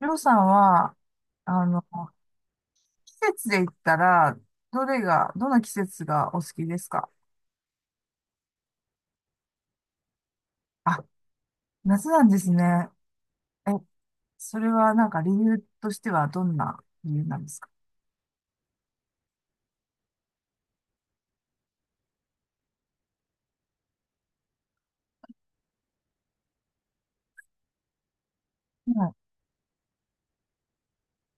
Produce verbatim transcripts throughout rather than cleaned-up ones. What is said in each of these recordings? りょうさんは、あの、季節で言ったら、どれが、どの季節がお好きですか？あ、夏なんですね。え、それはなんか理由としてはどんな理由なんですか？はい。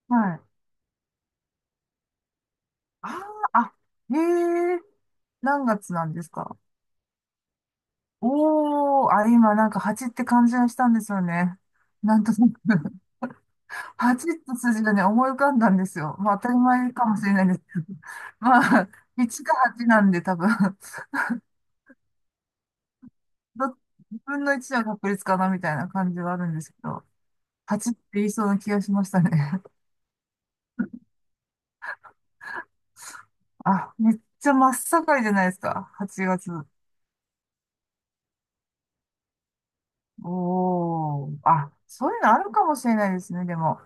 はい。あー。あ、へえ、何月なんですか？おー、あ、今なんか蜂って感じがしたんですよね。なんとなく 蜂って数字がね、思い浮かんだんですよ。まあ当たり前かもしれないですけど。まあ、いちかはちなんで多分、ど、分のいちの確率かなみたいな感じはあるんですけど、はちって言いそうな気がしましたね。あ、めっちゃ真っ盛りじゃないですか。はちがつ。おー。あ、そういうのあるかもしれないですね、でも。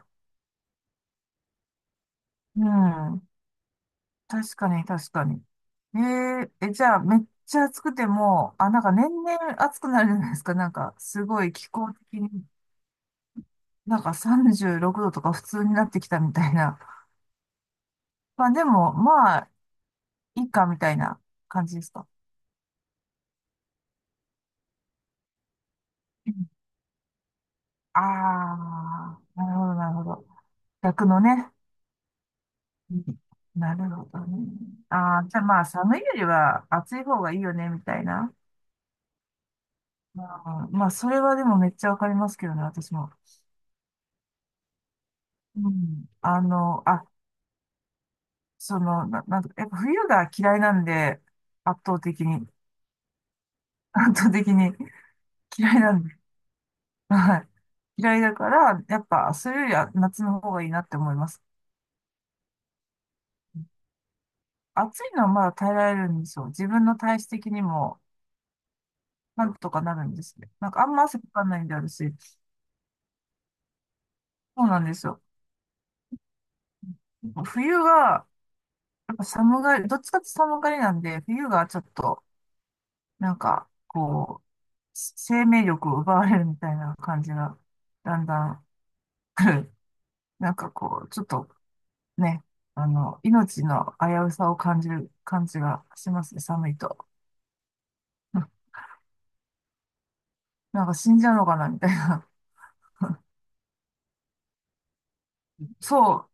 うん。確かに、確かに。えー、え、じゃあ、めっちゃ暑くても、あ、なんか年々暑くなるじゃないですか。なんか、すごい気候的に、なんかさんじゅうろくどとか普通になってきたみたいな。まあ、でも、まあ、いいかみたいな感じですか？ああ、なるほど、なるほど。逆のね。うん。なるほどね。ああ、じゃあまあ、寒いよりは暑い方がいいよね、みたいな。まあ、まあそれはでもめっちゃわかりますけどね、私も。うん。あの、あ、その、な、なんとか、やっぱ冬が嫌いなんで、圧倒的に、圧倒的に嫌いなんで、はい。嫌いだから、やっぱ、それよりは夏の方がいいなって思います。暑いのはまだ耐えられるんですよ。自分の体質的にも、なんとかなるんですね。なんかあんま汗かかないんで、私。そうなんですよ。冬が、やっぱ寒がり、どっちかって寒がりなんで、冬がちょっと、なんか、こう、生命力を奪われるみたいな感じが、だんだん来る。なんかこう、ちょっとね、あの、命の危うさを感じる感じがしますね、寒いと。うん。なんか死んじゃうのかな、みたいな。そう、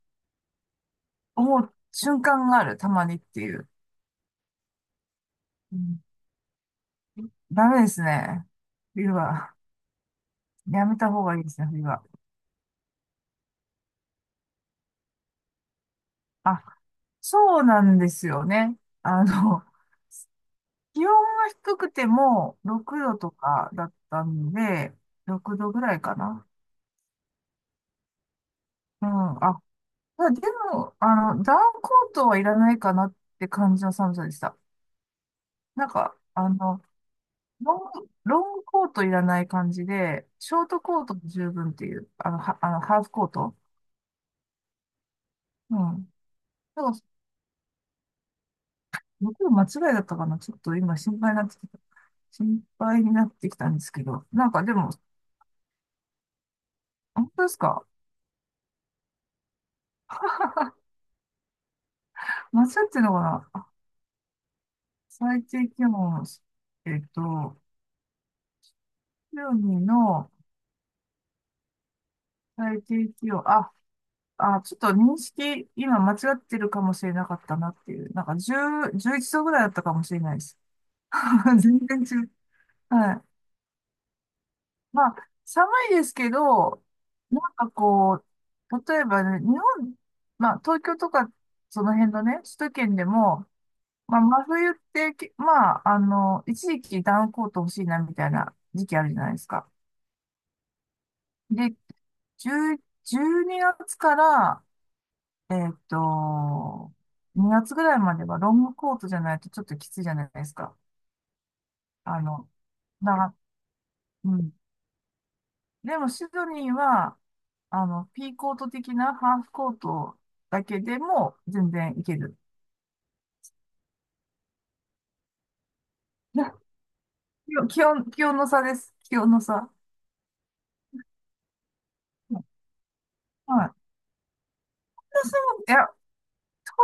思う瞬間がある、たまにっていう。うん。ダメですね、冬は。やめた方がいいですね、冬は。あ、そうなんですよね。あの、気温が低くてもろくどとかだったんで、ろくどぐらいかな。うん。あ、まあでも、あの、ダウンコートはいらないかなって感じの寒さでした。なんか、あの、ロング、ロングコートいらない感じで、ショートコートも十分っていう、あの、は、あの、ハーフコート。うん。だから、僕の間違いだったかな。ちょっと今心配になってきた。心配になってきたんですけど、なんかでも、本当ですか？夏っていうのは、最低気温、えっと、いちの最低気温、あ、あ、ちょっと認識、今間違ってるかもしれなかったなっていう、なんかじゅう、いちどぐらいだったかもしれないです。全然違う。はい。まあ、寒いですけど、なんかこう、例えばね、日本、まあ、東京とか、その辺のね、首都圏でも、まあ、真冬ってき、まあ、あの、一時期ダウンコート欲しいなみたいな時期あるじゃないですか。で、じゅう、じゅうにがつから、えっと、にがつぐらいまではロングコートじゃないとちょっときついじゃないですか。あの、な、うん。でも、シドニーは、あの、ピーコート的なハーフコートだけでも全然いける。いや気温、気温気温の差です。気温の差。はい。私も、いや、東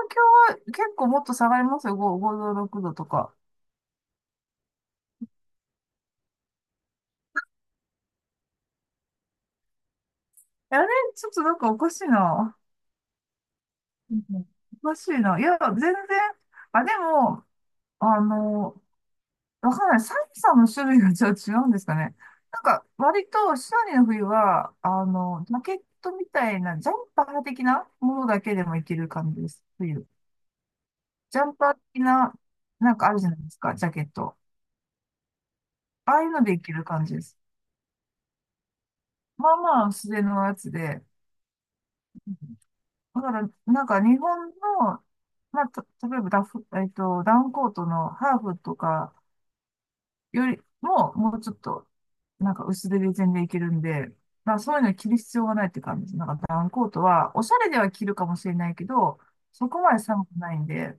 京は結構もっと下がりますよ。ご、ごど、ろくどとか。あれ、ちょっとなんかおかしいな。うん。おかしいな。いや、全然。あ、でも、あの、わかんない。寒さの種類がじゃあ違うんですかね。なんか、割と、シドニーの冬は、あの、ジャケットみたいな、ジャンパー的なものだけでもいける感じです。冬。ジャンパー的な、なんかあるじゃないですか、ジャケット。ああいうのでいける感じです。まあまあ、薄手のやつで。だから、なんか日本の、まあ、た例えばダフ、えっと、ダウンコートのハーフとかよりも、もうちょっと、なんか薄手で全然いけるんで、まあ、そういうの着る必要がないって感じです。なんかダウンコートは、おしゃれでは着るかもしれないけど、そこまで寒くないんで、っ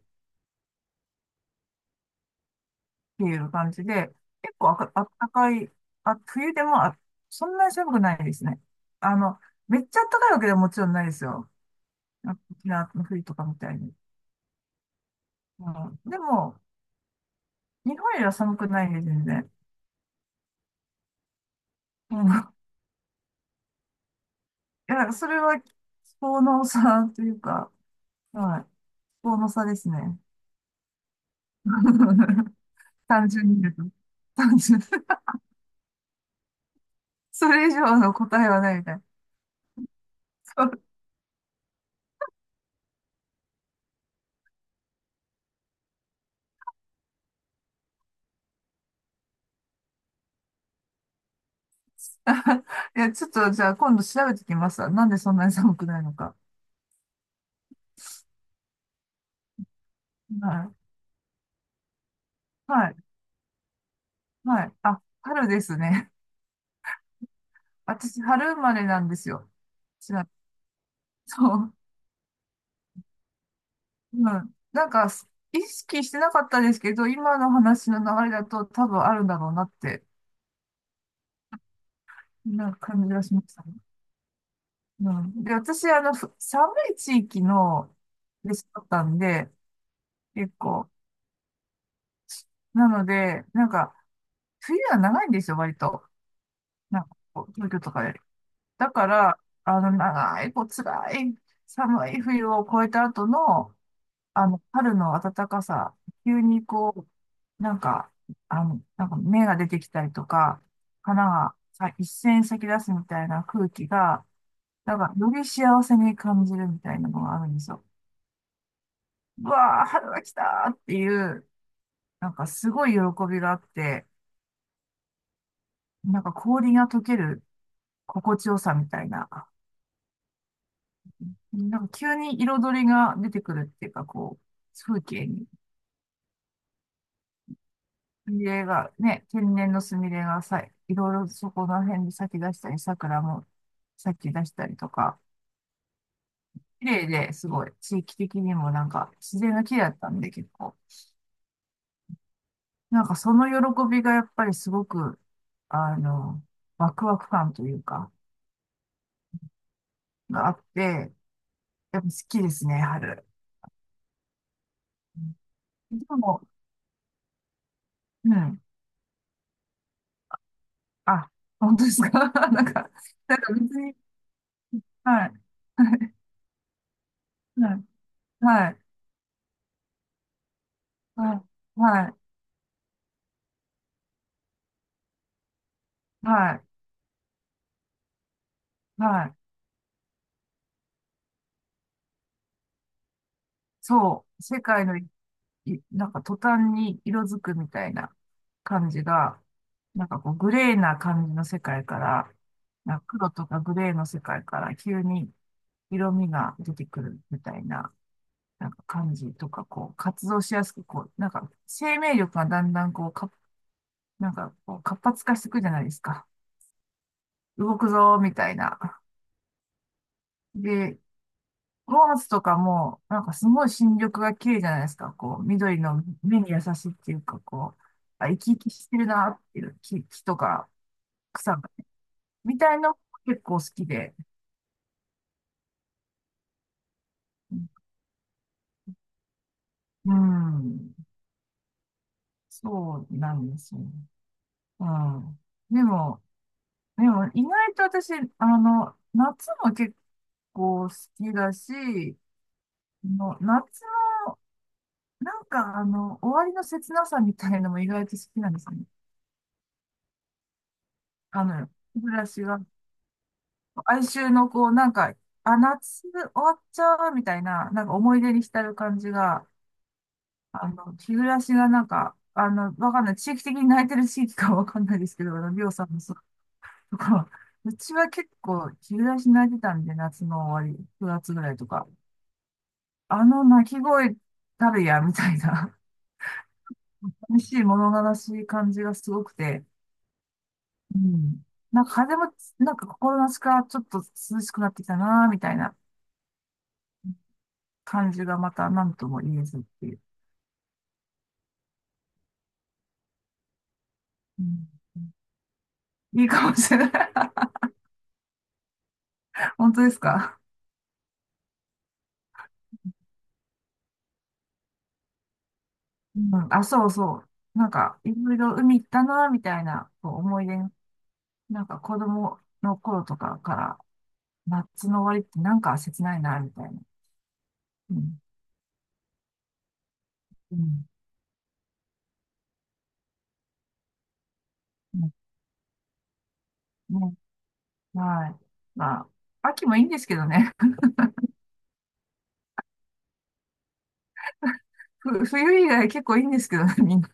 ていう感じで、結構あか、あったかい、あ、冬でもあ、そんなに寒くないですね。あの、めっちゃあったかいわけではもちろんないですよ。沖縄の冬とかみたいに。うん、でも、日本よりは寒くないね、全然。うん。いや、なんかそれは気候の差というか、はい。気候の差ですね。単純に言うと。単純 それ以上の答えはないみたいな。そう。いや、ちょっとじゃあ今度調べてきます。なんでそんなに寒くないのか。はい。はい。はい。あ、春ですね。私、春生まれなんですよ。違う。そう。うん。なんか、意識してなかったですけど、今の話の流れだと多分あるんだろうなってな感じがしましたね。うん。で、私、あの、ふ寒い地域の、で育ったんで、結構。なので、なんか、冬は長いんですよ、割と。なんかこう、東京とかより。だから、あの、長い、こう、辛い、寒い冬を越えた後の、あの、春の暖かさ、急にこう、なんか、あの、なんか芽が出てきたりとか、花がさ一斉に咲き出すみたいな空気が、なんか、より幸せに感じるみたいなのがあるんですよ。うわー、春が来たーっていう、なんかすごい喜びがあって、なんか氷が溶ける心地よさみたいな、なんか急に彩りが出てくるっていうか、こう、風景に、スミレがね、天然のスミレがさ、いろいろそこら辺で咲き出したり、桜も咲き出したりとか、綺麗ですごい、地域的にもなんか自然が綺麗だったんで結構。なんかその喜びがやっぱりすごく、あの、ワクワク感というか、があって、やっぱ好きですね、春。うん。でも、うん。あ、本当ですか？ なんか、なんか別に、はい、はい、はい、はい、はい、はい、はい。そう、世界の一いなんか途端に色づくみたいな感じが、なんかこうグレーな感じの世界から、なんか黒とかグレーの世界から急に色味が出てくるみたいな、なんか感じとか、こう活動しやすく、こう、なんか生命力がだんだんこう、か、なんかこう活発化していくじゃないですか。動くぞーみたいな。で、ローズとかも、なんかすごい新緑が綺麗じゃないですか。こう、緑の目に優しいっていうか、こう、あ、生き生きしてるなっていう木、木とか草が、みたいの結構好きで。うん。そうなんですよ。うん。でも、でも意外と私、あの、夏も結構好きだし、の夏の、なんかあの、終わりの切なさみたいのも意外と好きなんですよね。あの、日暮らしが哀愁のこう、なんか、あ、夏終わっちゃうみたいな、なんか思い出に浸る感じが、あの、日暮らしがなんか、あの、わかんない。地域的に泣いてる地域かわかんないですけど、あの、りょうさんのそうとかうちは結構日暮らし泣いてたんで、夏の終わり、くがつぐらいとか、あの泣き声たるや、みたいな、寂しい物悲しい感じがすごくて、うん。なんか風も、なんか心なしかちょっと涼しくなってきたな、みたいな。感じがまた何とも言えずっていう。うん、いいかもしれない。本当ですか、うん、あ、そうそう。なんか、いろいろ海行ったな、みたいなこう思い出、なんか子供の頃とかから、夏の終わりってなんか切ないな、みたいな。うん。うん。うん。ね。はい。まあ、秋もいいんですけどね。ふ 冬以外結構いいんですけどね、みんな。